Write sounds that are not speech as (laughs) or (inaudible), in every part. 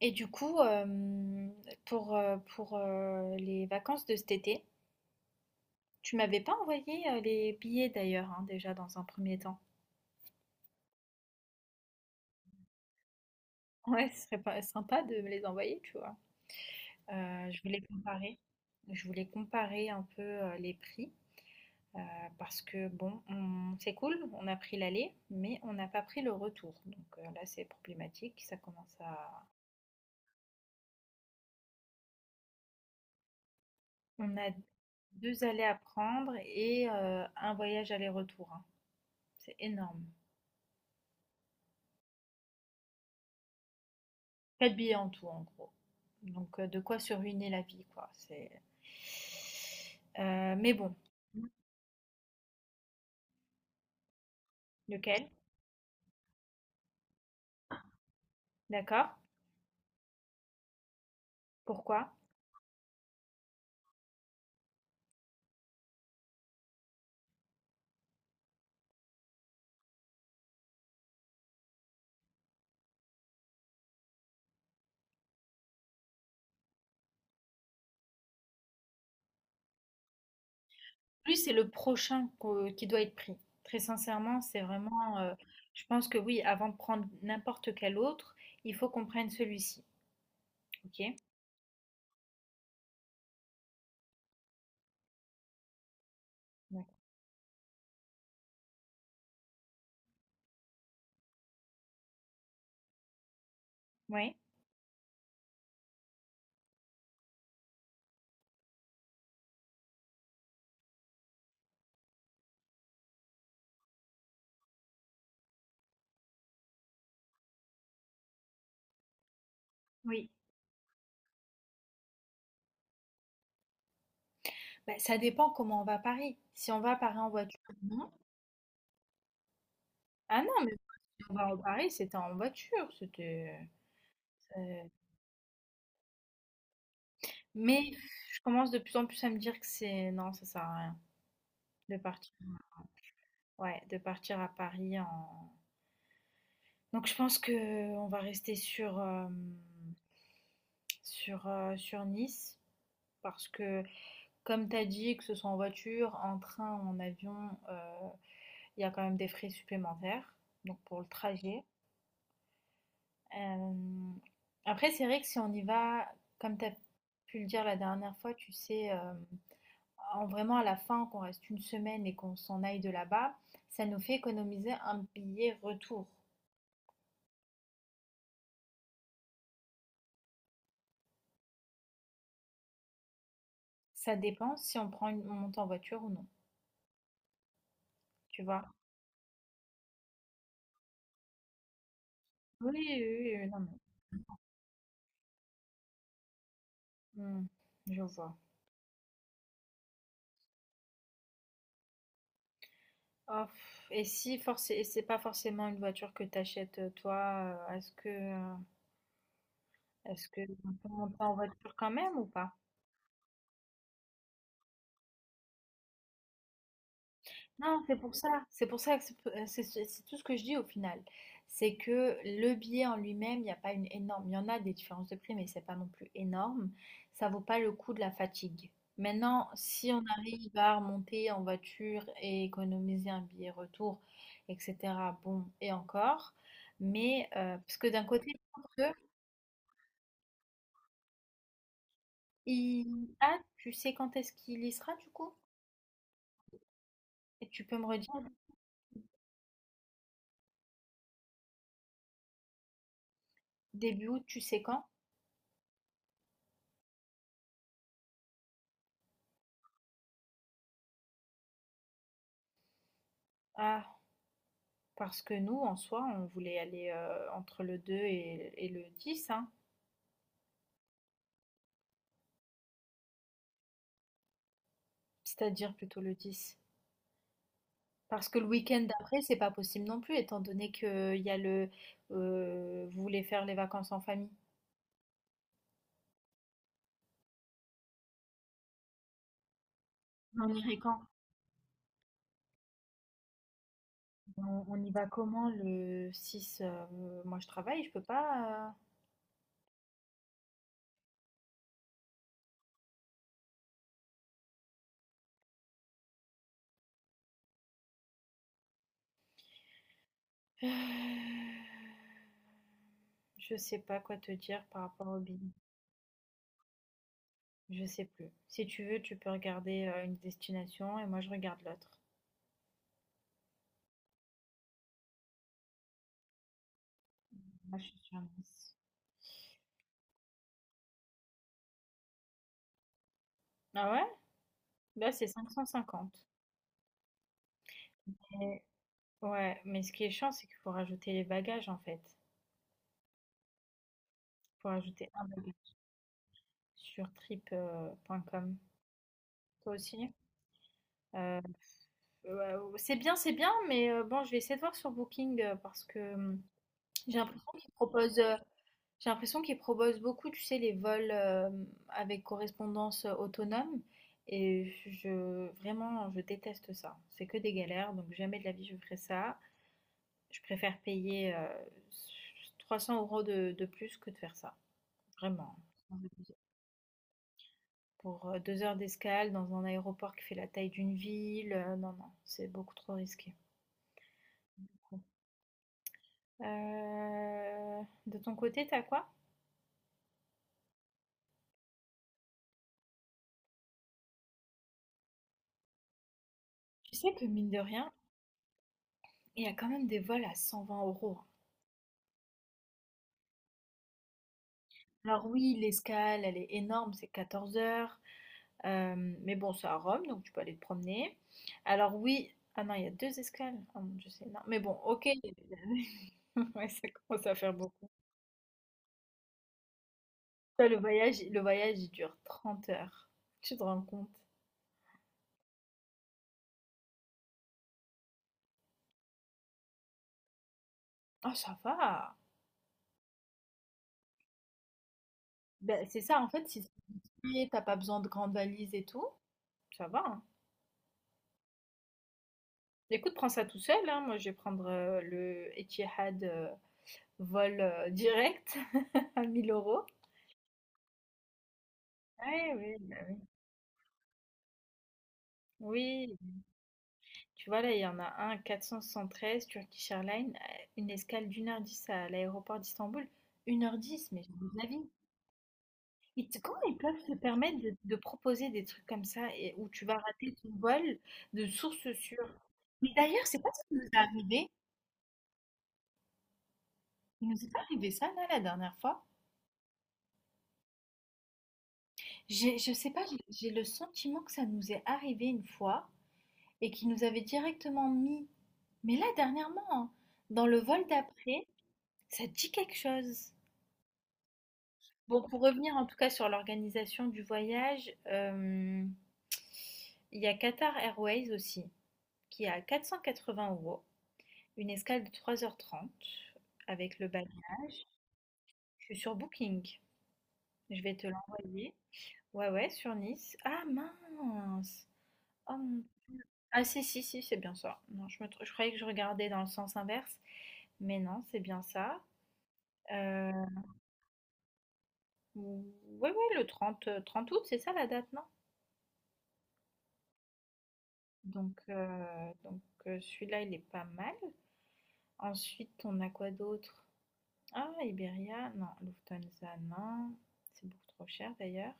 Et du coup, pour les vacances de cet été, tu m'avais pas envoyé les billets d'ailleurs, hein, déjà dans un premier temps. (laughs) Ouais, ce serait pas sympa de me les envoyer, tu vois. Je voulais comparer. Je voulais comparer un peu les prix, euh, parce que bon, c'est cool, on a pris l'aller, mais on n'a pas pris le retour. Donc là, c'est problématique. Ça commence à. On a deux allers à prendre et un voyage aller-retour, hein. C'est énorme. Quatre billets en tout, en gros. Donc, de quoi se ruiner la vie, quoi. C'est… mais bon, lequel? D'accord? Pourquoi? Lui, c'est le prochain qui doit être pris. Très sincèrement, c'est vraiment. Je pense que oui, avant de prendre n'importe quel autre, il faut qu'on prenne celui-ci. Ok? D'accord. Oui? Oui. Bah, ça dépend comment on va à Paris. Si on va à Paris en voiture, non. Ah non, mais si on va à Paris, c'était en voiture. C'était. euh, Mais je commence de plus en plus à me dire que c'est non, ça sert à rien de partir, ouais, de partir à Paris en, donc je pense que on va rester sur, sur Nice, parce que comme tu as dit, que ce soit en voiture, en train, en avion, il y a quand même des frais supplémentaires, donc pour le trajet. Hem, Après, c'est vrai que si on y va, comme tu as pu le dire la dernière fois, tu sais, hem en vraiment à la fin, qu'on reste une semaine et qu'on s'en aille de là-bas, ça nous fait économiser un billet retour. Ça dépend si on prend une, on monte en voiture ou non, tu vois? Oui, oui, oui, non, mais- Hmm, je vois. Oh, et si forcé, et c'est pas forcément une voiture que t'achètes, toi, est-ce que on peut monter en voiture quand même ou pas? Non, c'est pour ça que c'est, c'est tout ce que je dis au final. C'est que le billet en lui-même, il n'y a pas une énorme. Il y en a des différences de prix, mais c'est pas non plus énorme. Ça vaut pas le coup de la fatigue. Maintenant, si on arrive à remonter en voiture et économiser un billet retour, etc., bon, et encore. Mais, parce que d'un côté, je pense que il… Ah, tu sais quand est-ce qu'il y sera du coup? Et tu peux me redire, début août, tu sais quand? Ah, parce que nous, en soi, on voulait aller, entre le 2 et le 10, hein. C'est-à-dire plutôt le 10. Parce que le week-end d'après, c'est pas possible non plus, étant donné que il y a le, vous voulez faire les vacances en famille? Mais on irait quand? On y va comment le 6? Moi je travaille, je peux pas, heu (sighs) je sais pas quoi te dire par rapport au billet. Je sais plus. Si tu veux, tu peux regarder une destination et moi je regarde l'autre. Moi je suis sur Nice. Ah ouais? Là, c'est 550. Mais ouais, mais ce qui est chiant, c'est qu'il faut rajouter les bagages en fait. Il faut rajouter un bagage sur trip.com. Toi aussi? Euh, ouais, ouais, c'est bien, mais bon, je vais essayer de voir sur Booking, parce que j'ai l'impression qu'ils proposent, j'ai l'impression qu'ils proposent beaucoup, tu sais, les vols avec correspondance, autonome. Et je, vraiment, je déteste ça. C'est que des galères, donc jamais de la vie je ferai ça. Je préfère payer s 300 € de plus que de faire ça, vraiment. Pour 2 heures d'escale dans un aéroport qui fait la taille d'une ville, non, non, c'est beaucoup trop risqué. De ton côté, t'as quoi? Tu sais que mine de rien, il y a quand même des vols à 120 euros. Alors oui, l'escale, elle est énorme, c'est 14 heures. Euh, mais bon, c'est à Rome, donc tu peux aller te promener. Alors oui, ah non, il y a deux escales. Ah mon Dieu, c'est énorme. Mais bon, ok. (laughs) Ouais, ça commence à faire beaucoup. Toi, le voyage, il dure 30 heures. Tu te rends compte? Ah, ça va. Ben, c'est ça, en fait, si tu t'as pas besoin de grande valise et tout, ça va, hein. Écoute, prends ça tout seul, hein. Moi, je vais prendre le Etihad, vol direct, (laughs) à 1000 euros. Ouais, oui, bah oui. Tu vois, là, il y en a un, 473, Turkish Airlines, une escale d'1 h 10 à l'aéroport d'Istanbul. 1 h 10, mais j'ai des avis. Et comment ils peuvent se permettre de, proposer des trucs comme ça et où tu vas rater ton vol de source sûre? Mais d'ailleurs, c'est pas ce qui nous est arrivé. Il nous est pas arrivé ça, là, la dernière fois. J'ai, je sais pas, j'ai le sentiment que ça nous est arrivé une fois et qu'ils nous avaient directement mis. Mais là, dernièrement, hein, dans le vol d'après, ça te dit quelque chose. Bon, pour revenir en tout cas sur l'organisation du voyage, il y a Qatar Airways aussi, qui est à 480 euros, une escale de 3 h 30 avec le bac. Je suis sur Booking, je vais te l'envoyer. Ouais, ouais, sur Nice. Ah mince! Oh mon- Ah si, si, si, c'est bien ça. Non, je croyais que je regardais dans le sens inverse, mais non, c'est bien ça. Euh, ouais, ouais, le 30, 30 août, c'est ça la date, non? Donc, celui-là, il est pas mal. Ensuite, on a quoi d'autre? Ah, Iberia, non, Lufthansa, non, c'est beaucoup trop cher d'ailleurs.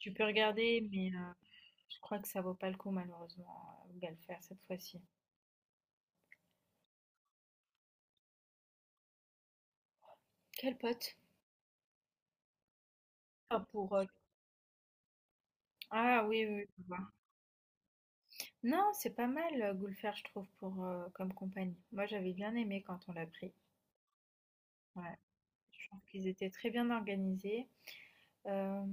Tu peux regarder, mais je crois que ça vaut pas le coup malheureusement, Galfer cette fois-ci. Quel pote? Enfin pour ah oui, oui, oui, je vois. Non, c'est pas mal, Gulfer, je trouve, pour, comme compagnie. Moi, j'avais bien aimé quand on l'a pris. Ouais, je trouve qu'ils étaient très bien organisés.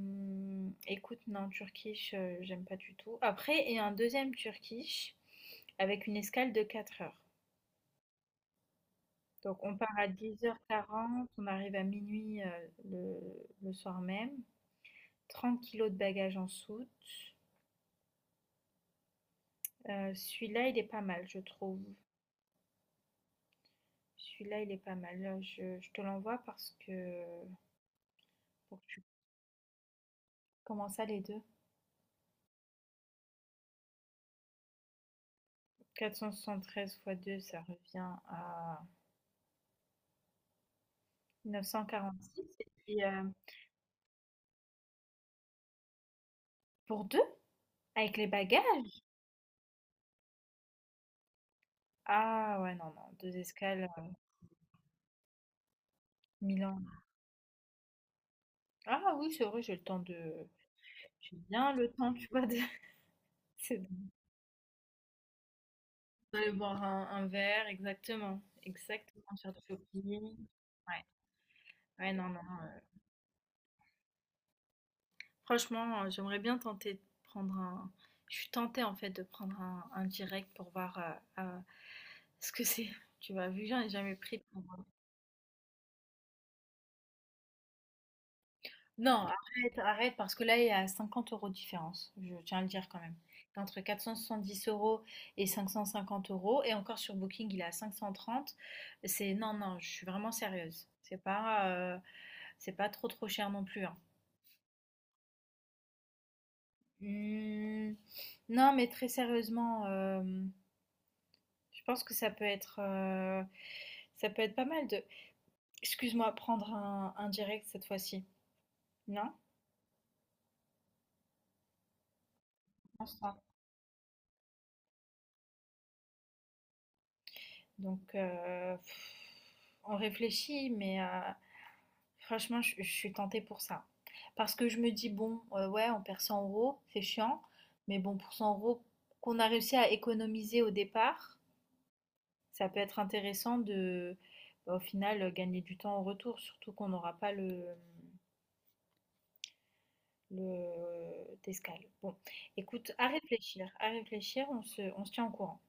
Écoute, non, Turkish, j'aime pas du tout. Après, il y a un deuxième Turkish avec une escale de 4 heures. Donc, on part à 10 h 40, on arrive à minuit, le, soir même. 30 kilos de bagages en soute. Celui-là, il est pas mal, je trouve. Celui-là, il est pas mal. Là, je te l'envoie parce que… Pour que tu… Comment ça, les deux? 473 fois 2, ça revient à 946. Et puis, pour deux, avec les bagages. Ah ouais, non, non, 2 escales, Milan. Ah oui, c'est vrai, j'ai bien le temps, tu vois, de (laughs) c'est bon, d'aller boire un verre, exactement, exactement, faire du shopping. Ouais, ouais, non, non, franchement, j'aimerais bien tenter de prendre un je suis tentée, en fait, de prendre un direct pour voir, heu heu, ce que c'est, tu vois? Vu que j'en ai jamais pris. Non, arrête, arrête, parce que là, il y a 50 € de différence, je tiens à le dire quand même. Entre 470 € et 550 euros, et encore sur Booking, il est à 530. C'est non, non, je suis vraiment sérieuse. C'est pas trop trop cher non plus, hein. Hmm, non, mais très sérieusement, je pense que ça peut être, pas mal de. Excuse-moi, prendre un direct cette fois-ci. Non? Je pense pas. Donc, on réfléchit, mais. Franchement, je suis tentée pour ça. Parce que je me dis, bon, ouais, on perd 100 euros, c'est chiant, mais bon, pour 100 € qu'on a réussi à économiser au départ, ça peut être intéressant de, bah, au final, gagner du temps en retour, surtout qu'on n'aura pas le, d'escale. Bon, écoute, à réfléchir, on se tient au courant.